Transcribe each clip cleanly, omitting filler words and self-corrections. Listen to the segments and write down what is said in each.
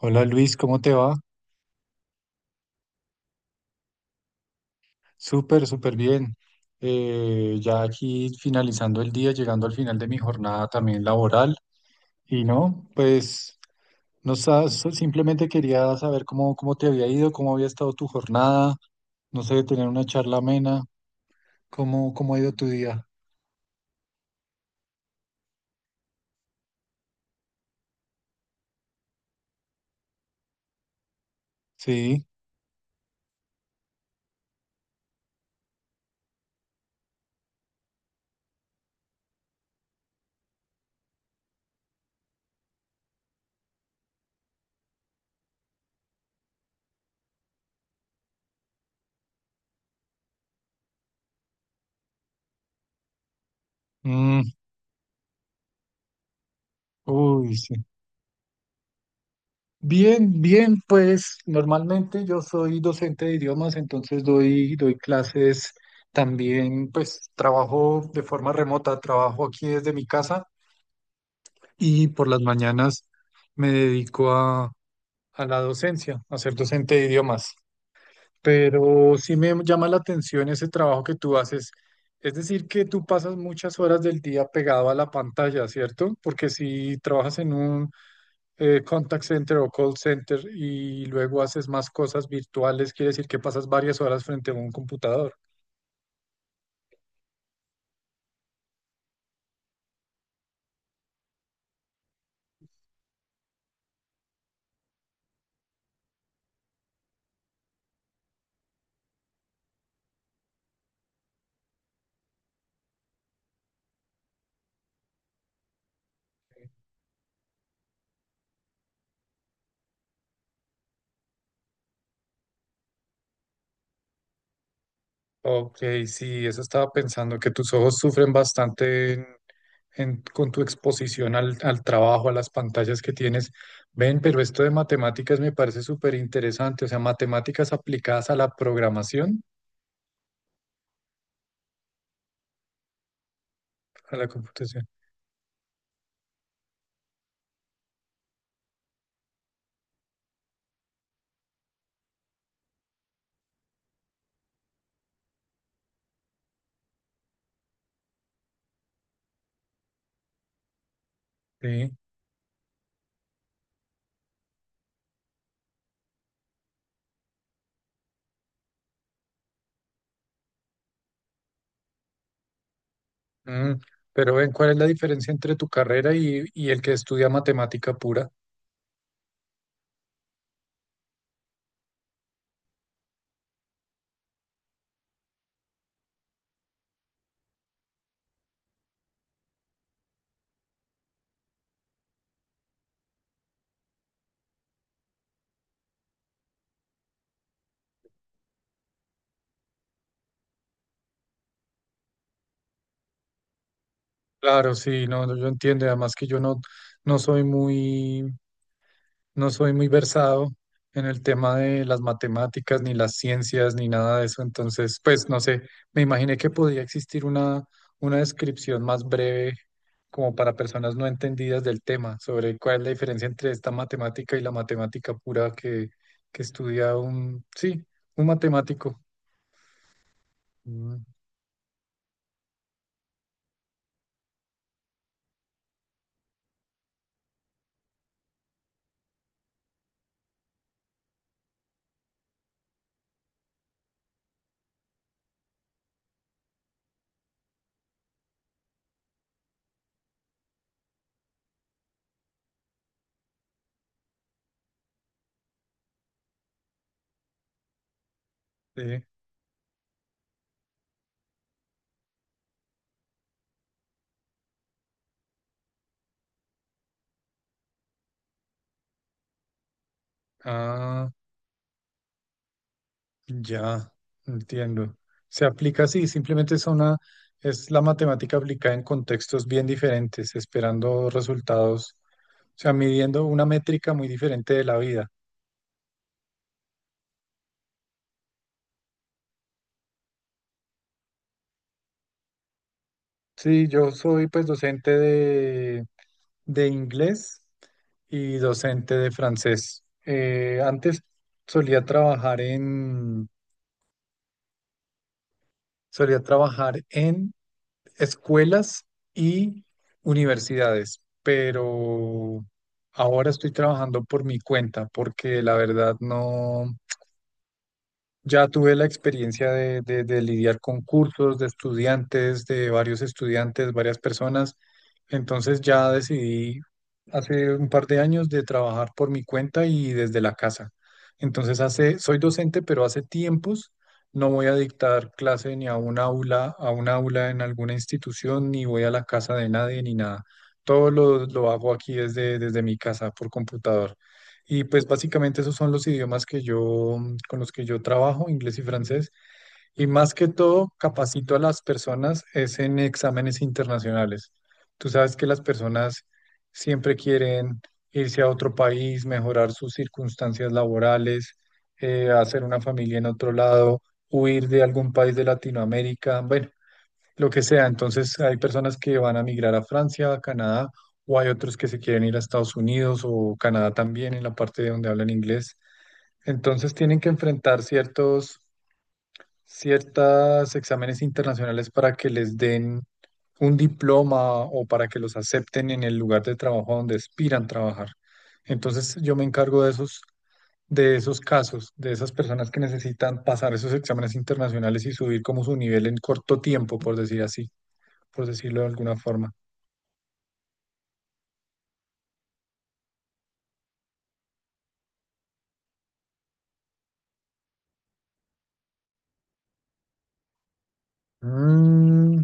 Hola Luis, ¿cómo te va? Súper, súper bien. Ya aquí finalizando el día, llegando al final de mi jornada también laboral. Y no, pues no sa- so- simplemente quería saber cómo te había ido, cómo había estado tu jornada. No sé, tener una charla amena. ¿ cómo ha ido tu día? Sí. Mm, uy, sí. Bien, bien, pues normalmente yo soy docente de idiomas, entonces doy clases también, pues trabajo de forma remota, trabajo aquí desde mi casa y por las mañanas me dedico a, a la docencia, a ser docente de idiomas. Pero sí me llama la atención ese trabajo que tú haces. Es decir, que tú pasas muchas horas del día pegado a la pantalla, ¿cierto? Porque si trabajas en un contact center o call center y luego haces más cosas virtuales, quiere decir que pasas varias horas frente a un computador. Ok, sí, eso estaba pensando, que tus ojos sufren bastante con tu exposición al trabajo, a las pantallas que tienes. Ven, pero esto de matemáticas me parece súper interesante, o sea, matemáticas aplicadas a la programación, a la computación. Sí. Mm, pero ven, ¿cuál es la diferencia entre tu carrera y el que estudia matemática pura? Claro, sí, no, no, yo entiendo, y además que yo no, no soy no soy muy versado en el tema de las matemáticas, ni las ciencias, ni nada de eso, entonces, pues, no sé, me imaginé que podía existir una descripción más breve, como para personas no entendidas del tema, sobre cuál es la diferencia entre esta matemática y la matemática pura que estudia un, sí, un matemático. Mm, sí. Ah. Ya, entiendo. Se aplica así, simplemente es la matemática aplicada en contextos bien diferentes, esperando resultados, o sea, midiendo una métrica muy diferente de la vida. Sí, yo soy pues de inglés y docente de francés. Antes solía trabajar en, solía trabajar en escuelas y universidades, pero ahora estoy trabajando por mi cuenta porque la verdad no, ya tuve la experiencia de lidiar con cursos de estudiantes, de varios estudiantes, varias personas. Entonces ya decidí hace un par de años de trabajar por mi cuenta y desde la casa. Entonces hace, soy docente, pero hace tiempos no voy a dictar clase ni a un aula, a un aula en alguna institución, ni voy a la casa de nadie, ni nada. Todo lo hago aquí desde mi casa por computador. Y pues básicamente esos son los idiomas que yo, mm, con los que yo trabajo, inglés y francés. Y más que todo, capacito a las personas es en exámenes internacionales. Tú sabes que las personas siempre quieren irse a otro país, mejorar sus circunstancias laborales, hacer una familia en otro lado, huir de algún país de Latinoamérica. Bueno, lo que sea. Entonces, hay personas que van a migrar a Francia, a Canadá, o hay otros que se quieren ir a Estados Unidos o Canadá también, en la parte de donde hablan inglés. Entonces, tienen que enfrentar ciertos exámenes internacionales para que les den un diploma o para que los acepten en el lugar de trabajo donde aspiran trabajar. Entonces, yo me encargo de de esos casos, de esas personas que necesitan pasar esos exámenes internacionales y subir como su nivel en corto tiempo, por decir así, por decirlo de alguna forma. Mm,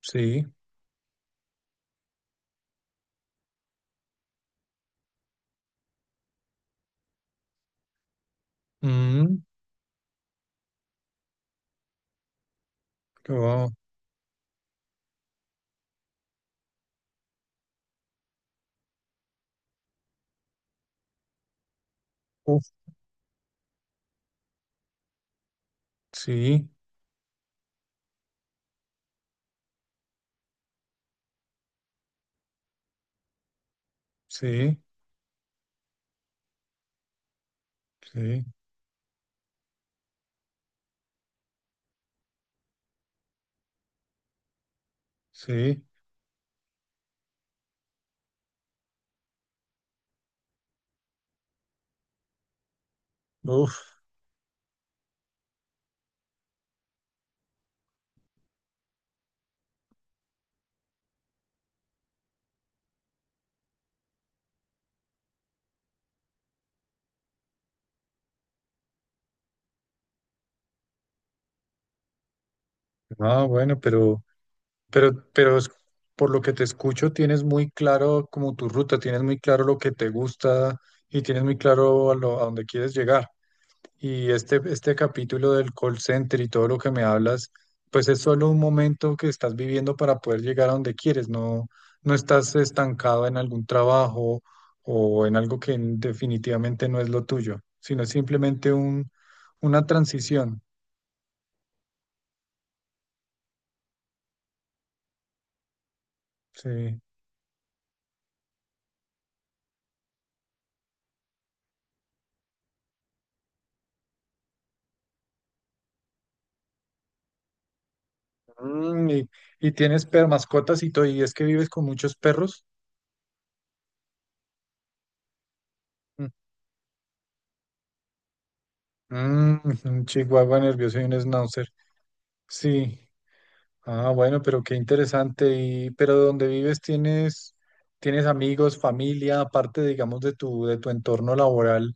sí, mm, oh, uf, sí, sí, sí, sí, uf. Ah, bueno, pero es- por lo que te escucho, tienes muy claro como tu ruta, tienes muy claro lo que te gusta y tienes muy claro a dónde quieres llegar. Y este capítulo del call center y todo lo que me hablas, pues es solo un momento que estás viviendo para poder llegar a donde quieres, no, no estás estancado en algún trabajo o en algo que definitivamente no es lo tuyo, sino es simplemente una transición. Sí. Mm, y tienes per mascotas y todo, y es que vives con muchos perros. Mm, un chihuahua nervioso y un schnauzer. Sí. Ah, bueno, pero qué interesante. Y, pero donde vives tienes, tienes amigos, familia, aparte, digamos, de tu entorno laboral,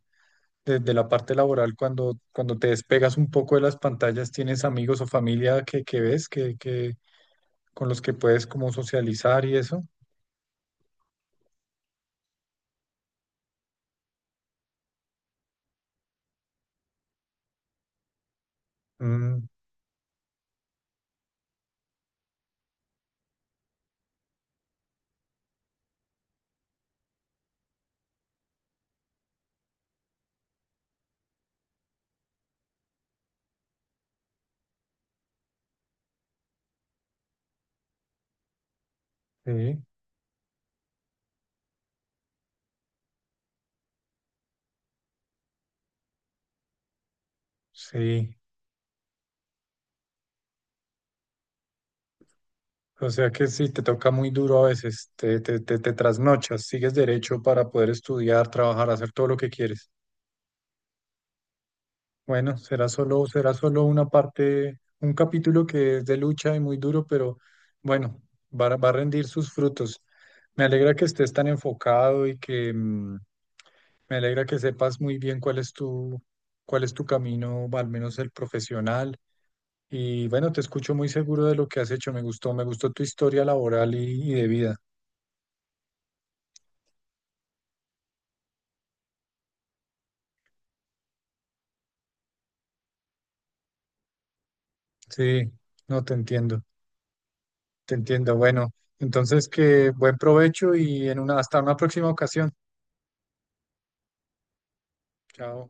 desde la parte laboral, cuando te despegas un poco de las pantallas, ¿tienes amigos o familia que ves, que, con los que puedes como socializar y eso? Mm, sí, sí. O sea que sí, te toca muy duro a veces, te trasnochas, sigues derecho para poder estudiar, trabajar, hacer todo lo que quieres. Bueno, será solo una parte, un capítulo que es de lucha y muy duro, pero bueno, va a rendir sus frutos. Me alegra que estés tan enfocado y que mm, me alegra que sepas muy bien cuál es cuál es tu camino, al menos el profesional. Y bueno, te escucho muy seguro de lo que has hecho. Me gustó tu historia laboral y de vida. Sí, no te entiendo, te entiendo. Bueno, entonces que buen provecho y hasta una próxima ocasión. Chao.